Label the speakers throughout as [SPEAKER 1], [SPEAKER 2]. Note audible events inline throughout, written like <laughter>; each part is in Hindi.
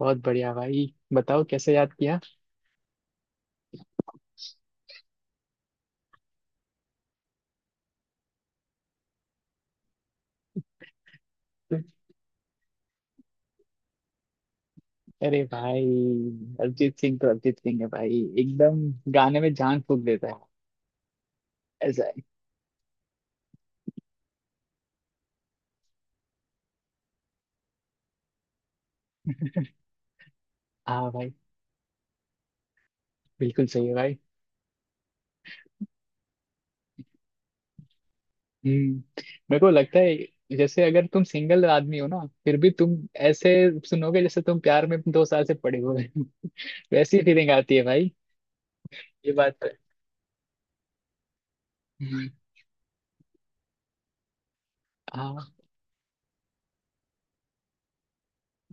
[SPEAKER 1] बहुत बढ़िया भाई, बताओ कैसे याद किया। अरे भाई, अरिजीत सिंह तो अरिजीत सिंह है भाई, एकदम गाने में जान फूंक देता है, ऐसा है। हाँ भाई, बिल्कुल सही है भाई। हम्म मेरे को लगता है जैसे अगर तुम सिंगल आदमी हो ना फिर भी तुम ऐसे सुनोगे जैसे तुम प्यार में 2 साल से पड़े हुए हो। <laughs> वैसी फीलिंग आती है भाई। ये बात तो है। हम्म, हाँ।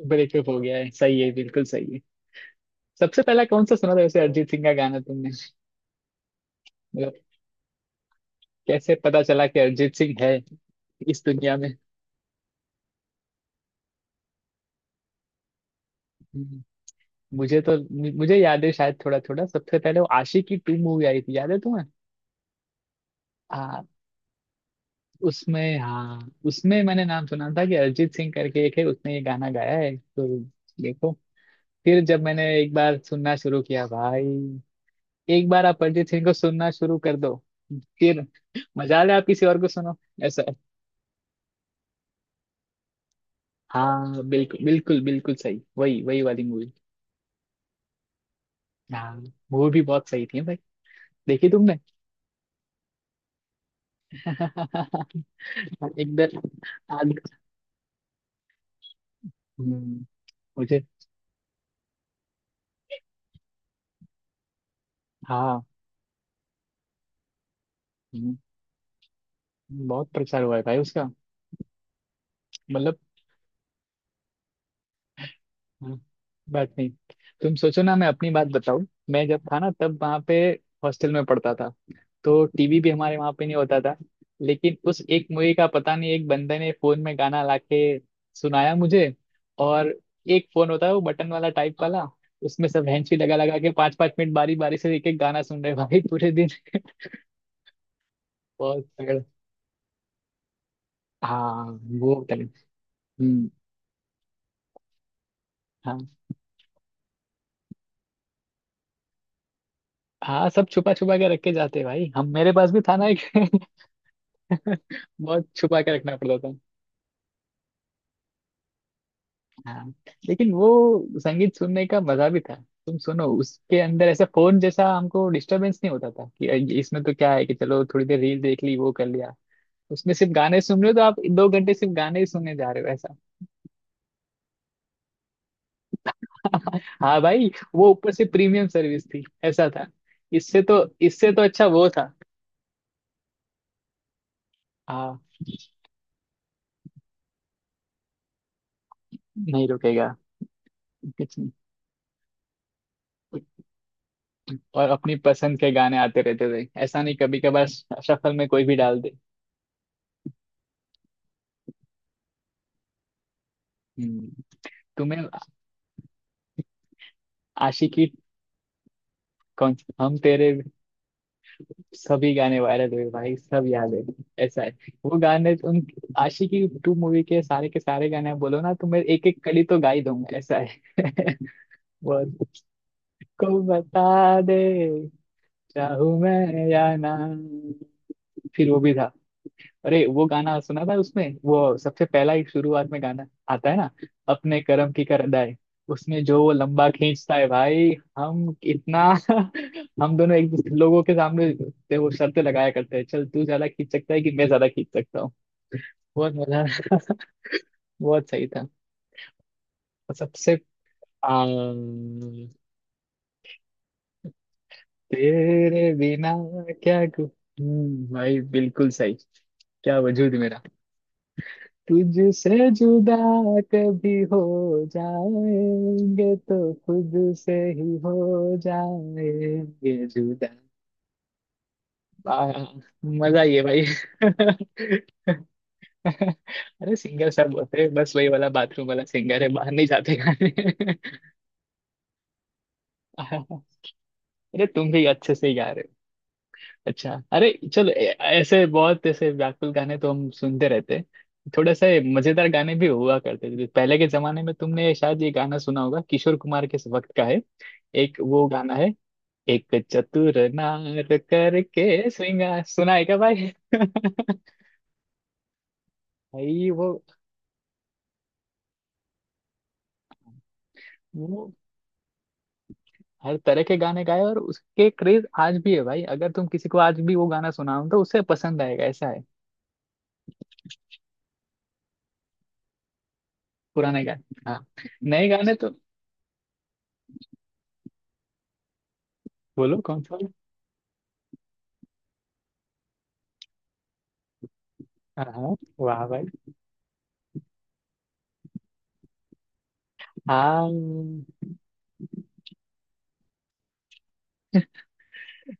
[SPEAKER 1] ब्रेकअप हो गया है, सही है, बिल्कुल सही है। सबसे पहला कौन सा सुना था वैसे अरिजीत सिंह का गाना तुमने? मतलब कैसे पता चला कि अरिजीत सिंह है इस दुनिया में? हम्म, मुझे तो मुझे याद है शायद थोड़ा थोड़ा, सबसे पहले वो आशिकी टू मूवी आई थी, याद है तुम्हें? आ, उसमें, हाँ, उसमें मैंने नाम सुना था कि अरिजीत सिंह करके एक है, उसने ये गाना गाया है। तो देखो, फिर जब मैंने एक बार सुनना शुरू किया भाई, एक बार आप अरिजीत सिंह को सुनना शुरू कर दो, फिर मजा ले आप किसी और को सुनो, ऐसा है। हाँ बिल्कुल बिल्कुल बिल्कुल सही, वही वही वाली मूवी। हाँ, मूवी भी बहुत सही थी भाई, देखी तुमने? <laughs> एकदम आज। हम्म, मुझे हाँ। हम्म, बहुत प्रचार हुआ है भाई उसका। मतलब, हाँ, बात नहीं। तुम सोचो ना, मैं अपनी बात बताऊं। मैं जब था ना तब वहाँ पे हॉस्टल में पढ़ता था, तो टीवी भी हमारे वहाँ पे नहीं होता था। लेकिन उस एक मूवी का, पता नहीं, एक बंदे ने फोन में गाना लाके सुनाया मुझे। और एक फोन होता है वो बटन वाला टाइप वाला, उसमें सब हैंची लगा लगा के 5-5 मिनट बारी बारी से एक एक गाना सुन रहे भाई पूरे दिन। <laughs> बहुत हाँ, वो करें हम्म, हाँ हाँ। सब छुपा छुपा के रख के जाते हैं भाई, हम मेरे पास भी था ना एक। <laughs> बहुत छुपा के रखना पड़ता था। हाँ, लेकिन वो संगीत सुनने का मजा भी था। तुम सुनो उसके अंदर ऐसा फोन, जैसा हमको डिस्टरबेंस नहीं होता था कि इसमें तो क्या है कि चलो थोड़ी देर रील देख ली, वो कर लिया। उसमें सिर्फ गाने सुन रहे हो तो आप 2 घंटे सिर्फ गाने ही सुनने जा रहे हो, ऐसा। <laughs> हाँ भाई, वो ऊपर से प्रीमियम सर्विस थी, ऐसा था। इससे तो अच्छा वो था। हाँ, नहीं रुकेगा, कुछ नहीं। और अपनी पसंद के गाने आते रहते थे, ऐसा नहीं कभी कभार शफल में कोई भी डाल दे। हम्म, तुम्हें आशिकी, कौन, हम तेरे? सभी गाने वायरल हुए भाई, सब याद है, ऐसा है। वो गाने उन आशिकी टू मूवी के सारे गाने आप बोलो ना तो मैं एक एक कली तो गा ही दूंगा, ऐसा है। <laughs> बहुत को बता दे, चाहूं मैं या ना। फिर वो भी था, अरे वो गाना सुना था उसमें वो सबसे पहला ही शुरुआत में गाना आता है ना, अपने कर्म की कर अदाय। उसमें जो वो लंबा खींचता है भाई, हम इतना। <laughs> हम दोनों एक दूसरे लोगों के सामने से वो शर्तें लगाया करते हैं, चल तू ज्यादा खींच सकता है कि मैं ज्यादा खींच सकता हूँ। बहुत मजा, बहुत सही था। और सबसे आ, तेरे बिना क्या कु- भाई बिल्कुल सही। क्या वजूद मेरा तुझसे जुदा, कभी हो जाएंगे तो खुद से ही हो जाएंगे जुदा। वाह! मजा आई है भाई। अरे, सिंगर सब होते हैं, बस वही वाला बाथरूम वाला सिंगर है, बाहर नहीं जाते गाने। अरे, तुम भी अच्छे से गा रहे हो। अच्छा, अरे चलो, ऐसे बहुत ऐसे व्याकुल गाने तो हम सुनते रहते हैं। थोड़ा सा ये मजेदार गाने भी हुआ करते थे पहले के जमाने में। तुमने शायद ये गाना सुना होगा, किशोर कुमार के वक्त का है। एक वो गाना है, एक चतुर नार करके, सिंगा सुना है क्या भाई? <laughs> भाई वो हर तरह के गाने गाए, और उसके क्रेज आज भी है भाई। अगर तुम किसी को आज भी वो गाना सुनाओ तो उसे पसंद आएगा, ऐसा है। पुराने गाने, हाँ, नए गाने तो। बोलो कौन सा। हाँ हाँ, वाह भाई। हाँ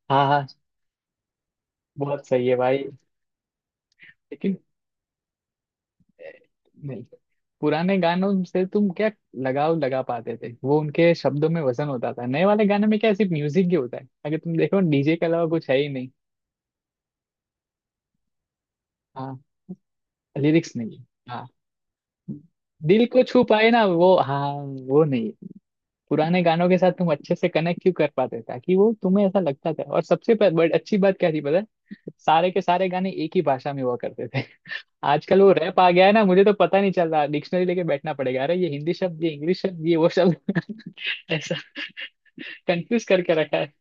[SPEAKER 1] हाँ हाँ, बहुत सही है भाई। लेकिन नहीं, पुराने गानों से तुम क्या लगाव लगा पाते थे, वो उनके शब्दों में वजन होता था। नए वाले गाने में क्या सिर्फ म्यूजिक ही होता है, अगर तुम देखो डीजे के अलावा कुछ है ही नहीं। हाँ, लिरिक्स नहीं है, हाँ। दिल को छू पाए ना वो, हाँ, वो नहीं है। पुराने गानों के साथ तुम अच्छे से कनेक्ट क्यों कर पाते, ताकि वो तुम्हें ऐसा लगता था। और सबसे बड़ अच्छी बात क्या थी पता है, सारे के सारे गाने एक ही भाषा में हुआ करते थे। <laughs> आजकल वो रैप आ गया है ना, मुझे तो पता नहीं चल रहा, डिक्शनरी लेके बैठना पड़ेगा। अरे ये हिंदी शब्द, ये इंग्लिश शब्द, ये वो शब्द। <laughs> ऐसा कंफ्यूज करके रखा है।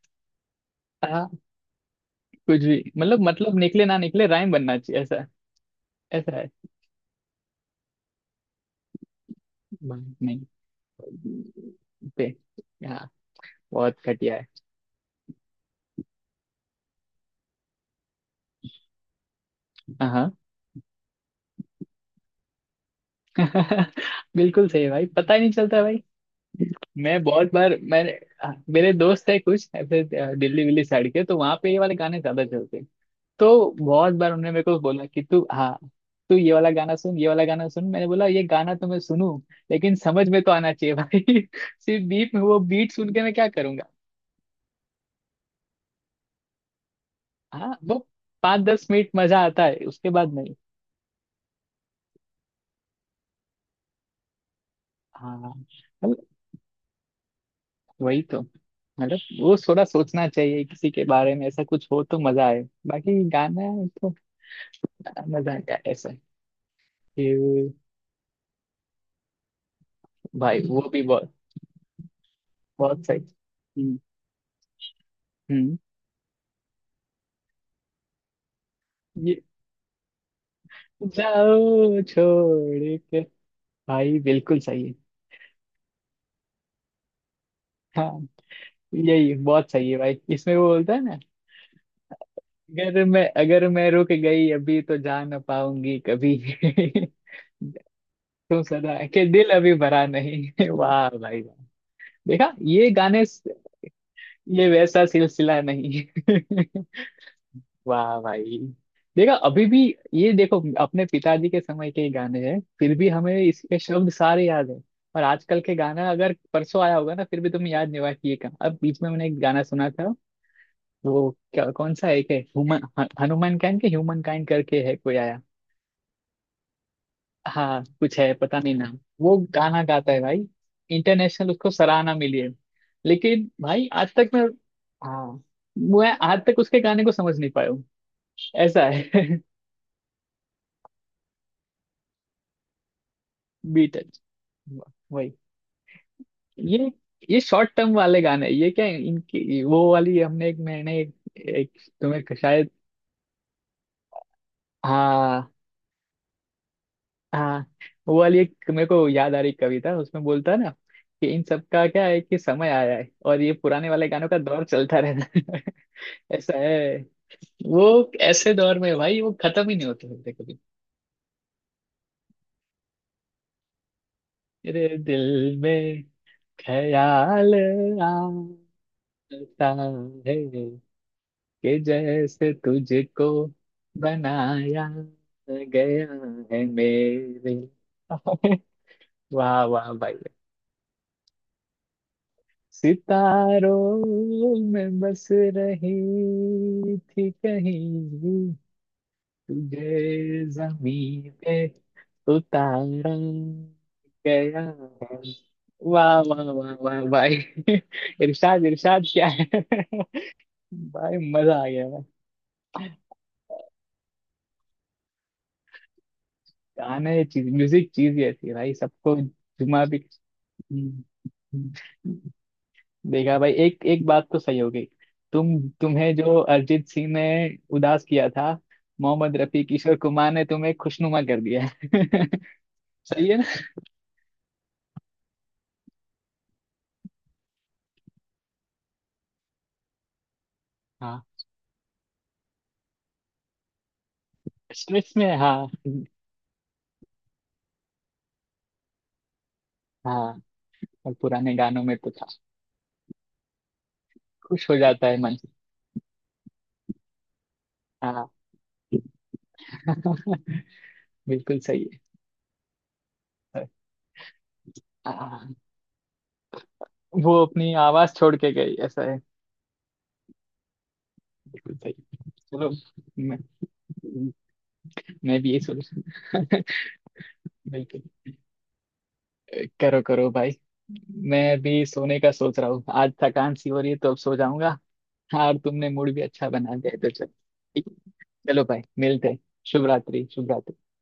[SPEAKER 1] हाँ, कुछ भी मतलब, मतलब निकले ना निकले, राइम बनना चाहिए, ऐसा। ऐसा है, नहीं नहीं। पे हाँ, बहुत घटिया है, हाँ। <laughs> बिल्कुल सही है भाई, पता ही नहीं चलता भाई। मैं बहुत बार मैंने मेरे दोस्त है कुछ ऐसे, दिल्ली विल्ली साइड के, तो वहां पे ये वाले गाने ज्यादा चलते हैं। तो बहुत बार उन्होंने मेरे को बोला कि तू ये वाला गाना सुन, ये वाला गाना सुन। मैंने बोला ये गाना तो मैं सुनूं, लेकिन समझ में तो आना चाहिए भाई। <laughs> सिर्फ बीट में वो बीट सुन के मैं क्या करूंगा। हाँ वो 5-10 मिनट मजा आता है, उसके बाद नहीं। हाँ, मतलब वही तो, मतलब वो थोड़ा सोचना चाहिए किसी के बारे में, ऐसा कुछ हो तो मजा आए, बाकी गाना तो मजा आएगा, ऐसा। भाई वो भी बहुत, बहुत सही। हम्म, हम्म, ये जाओ छोड़ के भाई, बिल्कुल सही है। हाँ, यही बहुत सही है भाई, इसमें वो बोलता है ना, अगर मैं अगर मैं रुक गई अभी तो जा ना पाऊंगी कभी। <laughs> तुम सदा के दिल अभी भरा नहीं। <laughs> वाह भाई वाह। देखा ये गाने ये वैसा सिलसिला नहीं। <laughs> वाह भाई, देखा अभी भी। ये देखो अपने पिताजी के समय के ही गाने हैं, फिर भी हमें इसके शब्द सारे याद हैं। और आजकल के गाना अगर परसों आया होगा ना फिर भी तुम्हें याद नहीं होगा कि ये क्या। अब बीच में मैंने एक गाना सुना था, वो क्या, कौन सा एक है, ह्यूमन, हनुमान काइंड के ह्यूमन काइंड करके है कोई आया। हाँ कुछ है, पता नहीं नाम, वो गाना गाता है भाई, इंटरनेशनल उसको सराहना मिली है। लेकिन भाई आज तक मैं हाँ, मैं आज तक उसके गाने को समझ नहीं पाया हूँ, ऐसा है। <laughs> बीट, वही। ये ये शॉर्ट टर्म वाले गाने ये क्या इनकी, वो वाली हमने एक, मैंने एक, एक। तुम्हें शायद, हाँ हाँ। वो वाली एक मेरे को याद आ रही कविता, उसमें बोलता है ना कि इन सब का क्या है कि समय आया है और ये पुराने वाले गानों का दौर चलता रहता है। <laughs> ऐसा है, वो ऐसे दौर में भाई वो खत्म ही नहीं होते होते कभी। तेरे दिल में ख्याल आता है कि जैसे तुझको बनाया गया है मेरे लिए। वाह वाह भाई। सितारों में बस रही थी कहीं, तुझे जमीन पे उतारा गया है। वाह वाह वाह वाह भाई! <laughs> इरशाद इरशाद, क्या है? <laughs> भाई मजा आ गया। गाना ये चीज, म्यूजिक चीज ही ऐसी है भाई, सबको जुमा भी देगा भाई। एक एक बात तो सही हो गई, तुम्हें जो अरिजीत सिंह ने उदास किया था, मोहम्मद रफी किशोर कुमार ने तुम्हें खुशनुमा कर दिया है। <laughs> सही है ना? हाँ, स्ट्रेस में, हाँ हाँ। और पुराने गानों में तो था, खुश हो जाता है मन, हाँ। <laughs> बिल्कुल सही है, हाँ, वो अपनी आवाज छोड़ के गई, ऐसा है। बिल्कुल सही, चलो। मैं मैं भी यही सोच। <laughs> बिल्कुल, करो करो भाई। मैं अभी सोने का सोच रहा हूँ, आज थकान सी हो रही है तो अब सो जाऊंगा। हाँ, और तुमने मूड भी अच्छा बना दिया है, तो चलो ठीक है। चलो भाई मिलते हैं, शुभ रात्रि शुभ रात्रि।